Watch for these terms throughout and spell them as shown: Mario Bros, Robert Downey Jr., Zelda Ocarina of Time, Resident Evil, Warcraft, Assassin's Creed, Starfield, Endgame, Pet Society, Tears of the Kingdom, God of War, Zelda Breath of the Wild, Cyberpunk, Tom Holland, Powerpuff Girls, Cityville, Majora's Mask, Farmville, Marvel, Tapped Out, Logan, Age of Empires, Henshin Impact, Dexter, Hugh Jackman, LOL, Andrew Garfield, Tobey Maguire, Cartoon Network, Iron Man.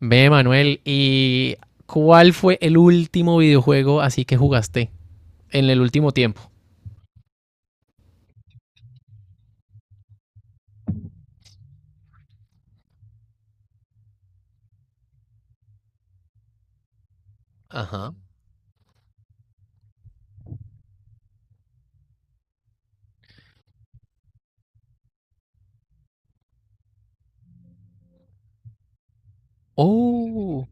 Ve, Manuel, ¿y cuál fue el último videojuego así que jugaste en el último tiempo? Ajá. Oh,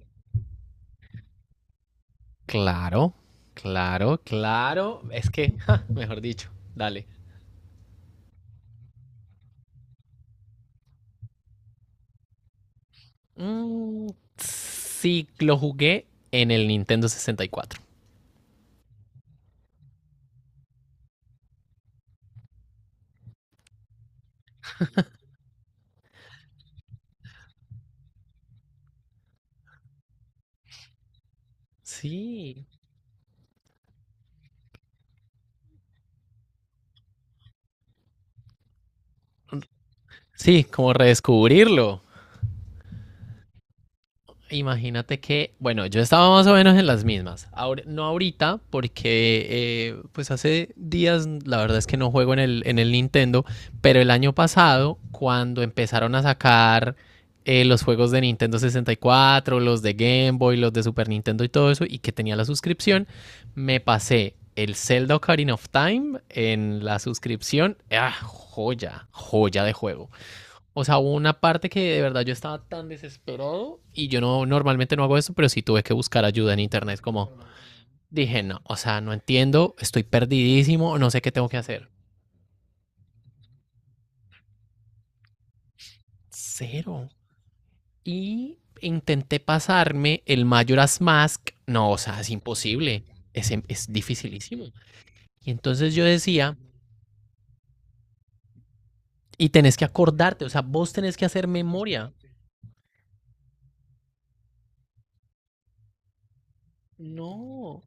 claro, claro, claro. Es que, ja, mejor dicho, dale. Mm, sí, lo jugué en el Nintendo 64. Sí. Sí, como redescubrirlo. Imagínate que, bueno, yo estaba más o menos en las mismas. No ahorita, porque pues hace días la verdad es que no juego en el Nintendo, pero el año pasado, cuando empezaron a sacar los juegos de Nintendo 64, los de Game Boy, los de Super Nintendo y todo eso, y que tenía la suscripción, me pasé el Zelda Ocarina of Time en la suscripción. Ah, joya, joya de juego. O sea, hubo una parte que de verdad yo estaba tan desesperado y yo no normalmente no hago eso, pero sí tuve que buscar ayuda en internet. Como dije, no, o sea, no entiendo, estoy perdidísimo, no sé qué tengo que hacer. Cero. Y intenté pasarme el Majora's Mask. No, o sea, es imposible. Es dificilísimo. Y entonces yo decía, y tenés que acordarte, o sea, vos tenés que hacer memoria. No,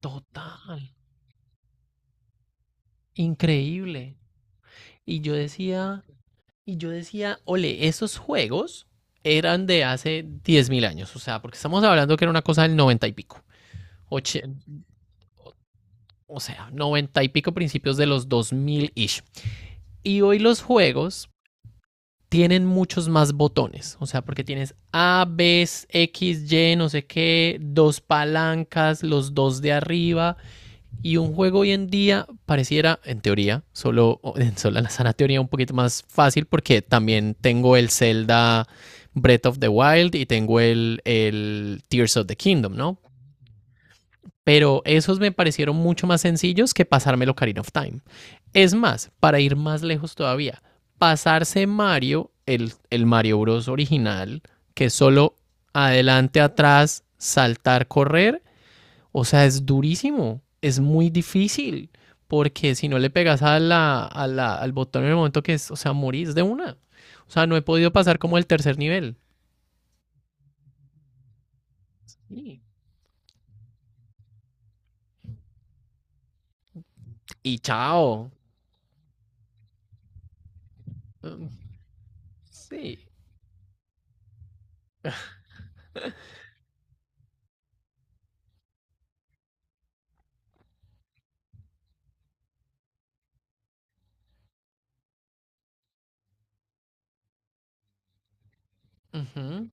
total, increíble. Y yo decía, Y yo decía, ole, esos juegos eran de hace 10.000 años, o sea, porque estamos hablando que era una cosa del 90 y pico, oche- o sea, 90 y pico, principios de los dos mil ish. Y hoy los juegos tienen muchos más botones, o sea, porque tienes A, B, X, Y, no sé qué, dos palancas, los dos de arriba. Y un juego hoy en día pareciera, en teoría, solo en sola la sana teoría, un poquito más fácil, porque también tengo el Zelda Breath of the Wild y tengo el Tears of the Kingdom, ¿no? Pero esos me parecieron mucho más sencillos que pasarme el Ocarina of Time. Es más, para ir más lejos todavía, pasarse Mario, el Mario Bros original, que es solo adelante, atrás, saltar, correr, o sea, es durísimo, es muy difícil, porque si no le pegas a la, al botón en el momento que es, o sea, morís de una. O sea, no he podido pasar como el tercer nivel. Y, y chao. Mm, sí. Ujú.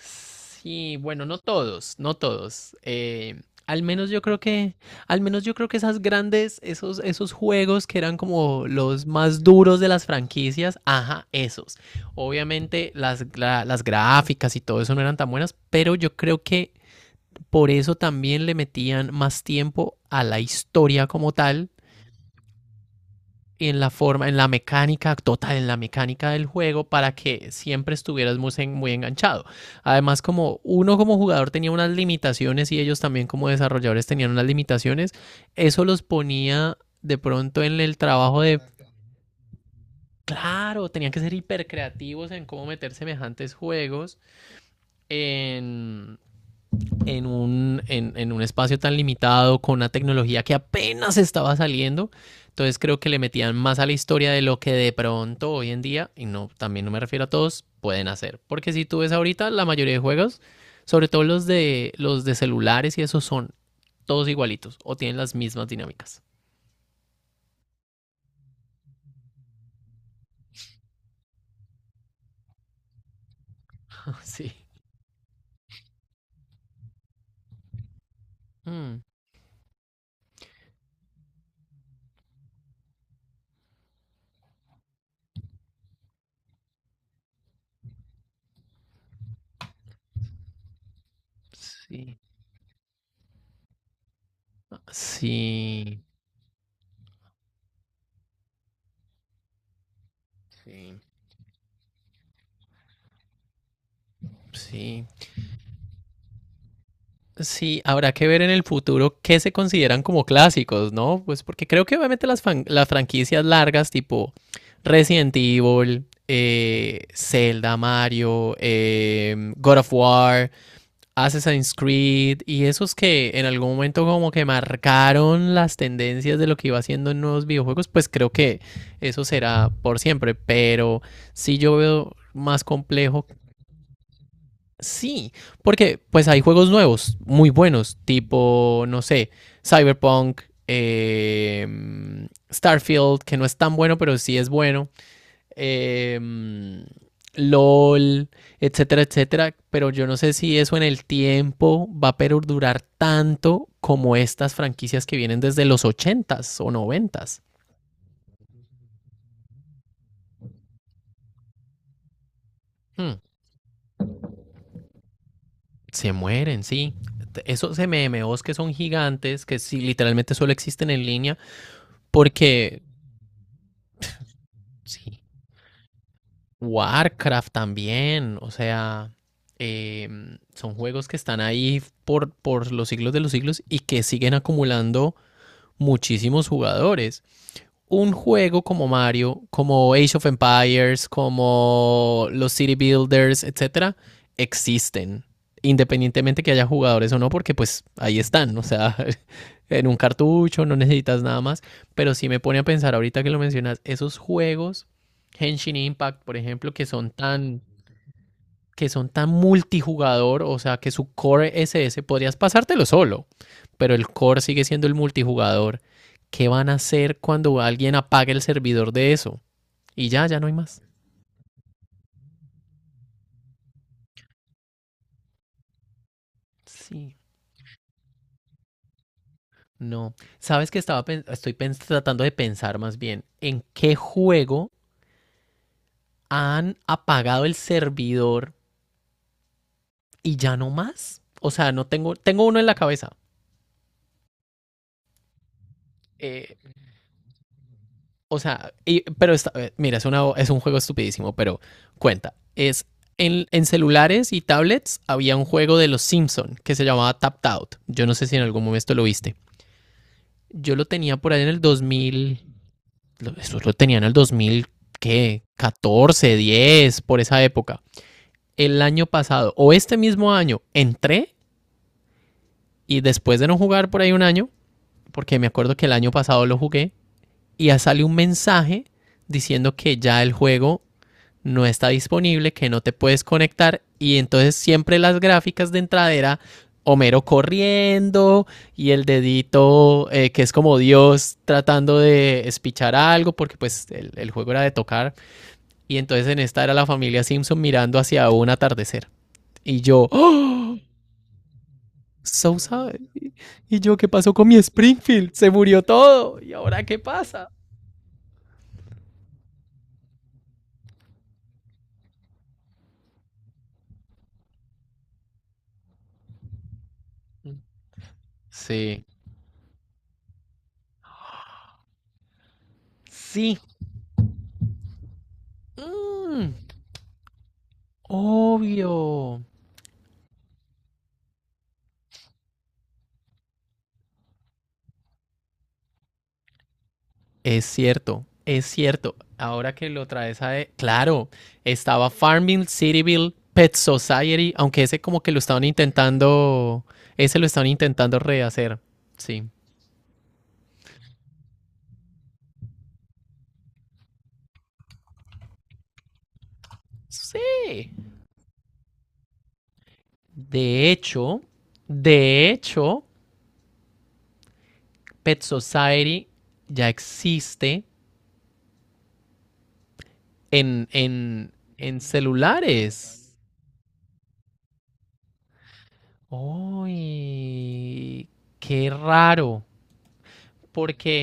Sí, bueno, no todos, no todos. Al menos yo creo que, al menos yo creo que esas grandes, esos juegos que eran como los más duros de las franquicias, ajá, esos. Obviamente las, las gráficas y todo eso no eran tan buenas, pero yo creo que por eso también le metían más tiempo a la historia como tal, en la forma, en la mecánica total, en la mecánica del juego, para que siempre estuvieras muy, muy enganchado. Además, como uno como jugador tenía unas limitaciones y ellos también como desarrolladores tenían unas limitaciones, eso los ponía de pronto en el trabajo de, claro, tenían que ser hipercreativos en cómo meter semejantes juegos en en un espacio tan limitado, con una tecnología que apenas estaba saliendo. Entonces creo que le metían más a la historia de lo que de pronto hoy en día, y no, también no me refiero a todos, pueden hacer. Porque si tú ves ahorita, la mayoría de juegos, sobre todo los de celulares, y esos son todos igualitos o tienen las mismas dinámicas. Sí. Mm, sí. Sí. Sí. Sí. Sí, habrá que ver en el futuro qué se consideran como clásicos, ¿no? Pues porque creo que obviamente las, las franquicias largas, tipo Resident Evil, Zelda, Mario, God of War, Assassin's Creed y esos, que en algún momento como que marcaron las tendencias de lo que iba haciendo en nuevos videojuegos, pues creo que eso será por siempre, pero sí yo veo más complejo. Sí, porque pues hay juegos nuevos, muy buenos, tipo, no sé, Cyberpunk, eh, Starfield, que no es tan bueno, pero sí es bueno, eh, LOL, etcétera, etcétera. Pero yo no sé si eso en el tiempo va a perdurar tanto como estas franquicias que vienen desde los ochentas o noventas. Hmm, Se mueren, sí. Esos MMOs que son gigantes, que sí, literalmente solo existen en línea, porque... Sí. Warcraft también, o sea, son juegos que están ahí por los siglos de los siglos y que siguen acumulando muchísimos jugadores. Un juego como Mario, como Age of Empires, como los City Builders, etcétera, existen, independientemente que haya jugadores o no, porque pues ahí están, o sea, en un cartucho, no necesitas nada más. Pero sí me pone a pensar ahorita que lo mencionas, esos juegos, Henshin Impact, por ejemplo, que son tan multijugador, o sea que su core SS podrías pasártelo solo, pero el core sigue siendo el multijugador. ¿Qué van a hacer cuando alguien apague el servidor de eso? Y ya, ya no hay más. Sí, no. Sabes que estoy tratando de pensar más bien en qué juego han apagado el servidor y ya no más. O sea, no tengo, tengo uno en la cabeza. Eh, O sea, pero mira, es un juego estupidísimo, pero cuenta. Es En celulares y tablets había un juego de los Simpson que se llamaba Tapped Out. Yo no sé si en algún momento lo viste. Yo lo tenía por ahí en el 2000. Eso lo tenía en el 2000, ¿qué? 14, 10, por esa época. El año pasado, o este mismo año, entré, y después de no jugar por ahí un año, porque me acuerdo que el año pasado lo jugué, y ya sale un mensaje diciendo que ya el juego no está disponible, que no te puedes conectar. Y entonces, siempre las gráficas de entrada era Homero corriendo y el dedito, que es como Dios tratando de espichar algo, porque pues el juego era de tocar. Y entonces, en esta era la familia Simpson mirando hacia un atardecer, y yo, ¡oh!, so sad. Y yo, ¿qué pasó con mi Springfield? Se murió todo. Y ahora, ¿qué pasa? Sí, sí. Mm, obvio. Es cierto, es cierto. Ahora que lo traes a... Claro, estaba Farmville, Cityville, Pet Society, aunque ese como que lo estaban intentando... Ese lo estaban intentando rehacer. Sí. Sí. De hecho, de hecho, Pet Society ya existe en, en celulares. ¡Uy! ¡Qué raro! Porque...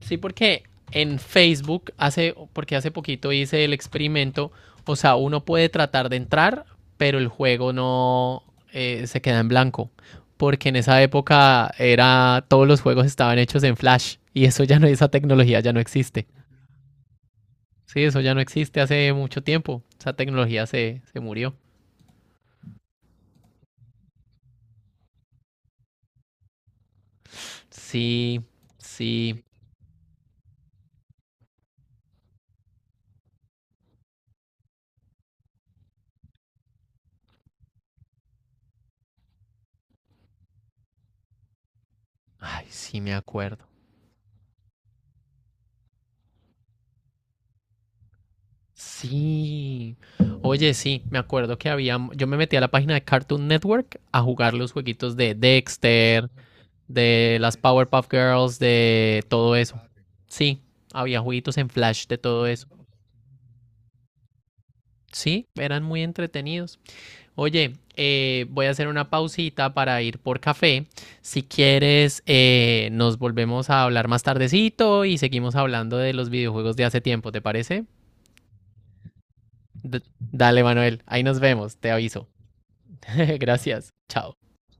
Sí, porque en Facebook porque hace poquito hice el experimento, o sea, uno puede tratar de entrar, pero el juego no, se queda en blanco, porque en esa época era todos los juegos estaban hechos en Flash, y eso ya no, esa tecnología ya no existe. Sí, eso ya no existe hace mucho tiempo. Esa tecnología se murió. Sí, sí. Ay, sí me acuerdo. Sí. Oye, sí, me acuerdo que yo me metí a la página de Cartoon Network a jugar los jueguitos de Dexter, de las Powerpuff Girls, de todo eso. Sí, había jueguitos en Flash de todo eso. Sí, eran muy entretenidos. Oye, voy a hacer una pausita para ir por café. Si quieres, nos volvemos a hablar más tardecito y seguimos hablando de los videojuegos de hace tiempo, ¿te parece? Dale, Manuel, ahí nos vemos, te aviso. Gracias. Chao.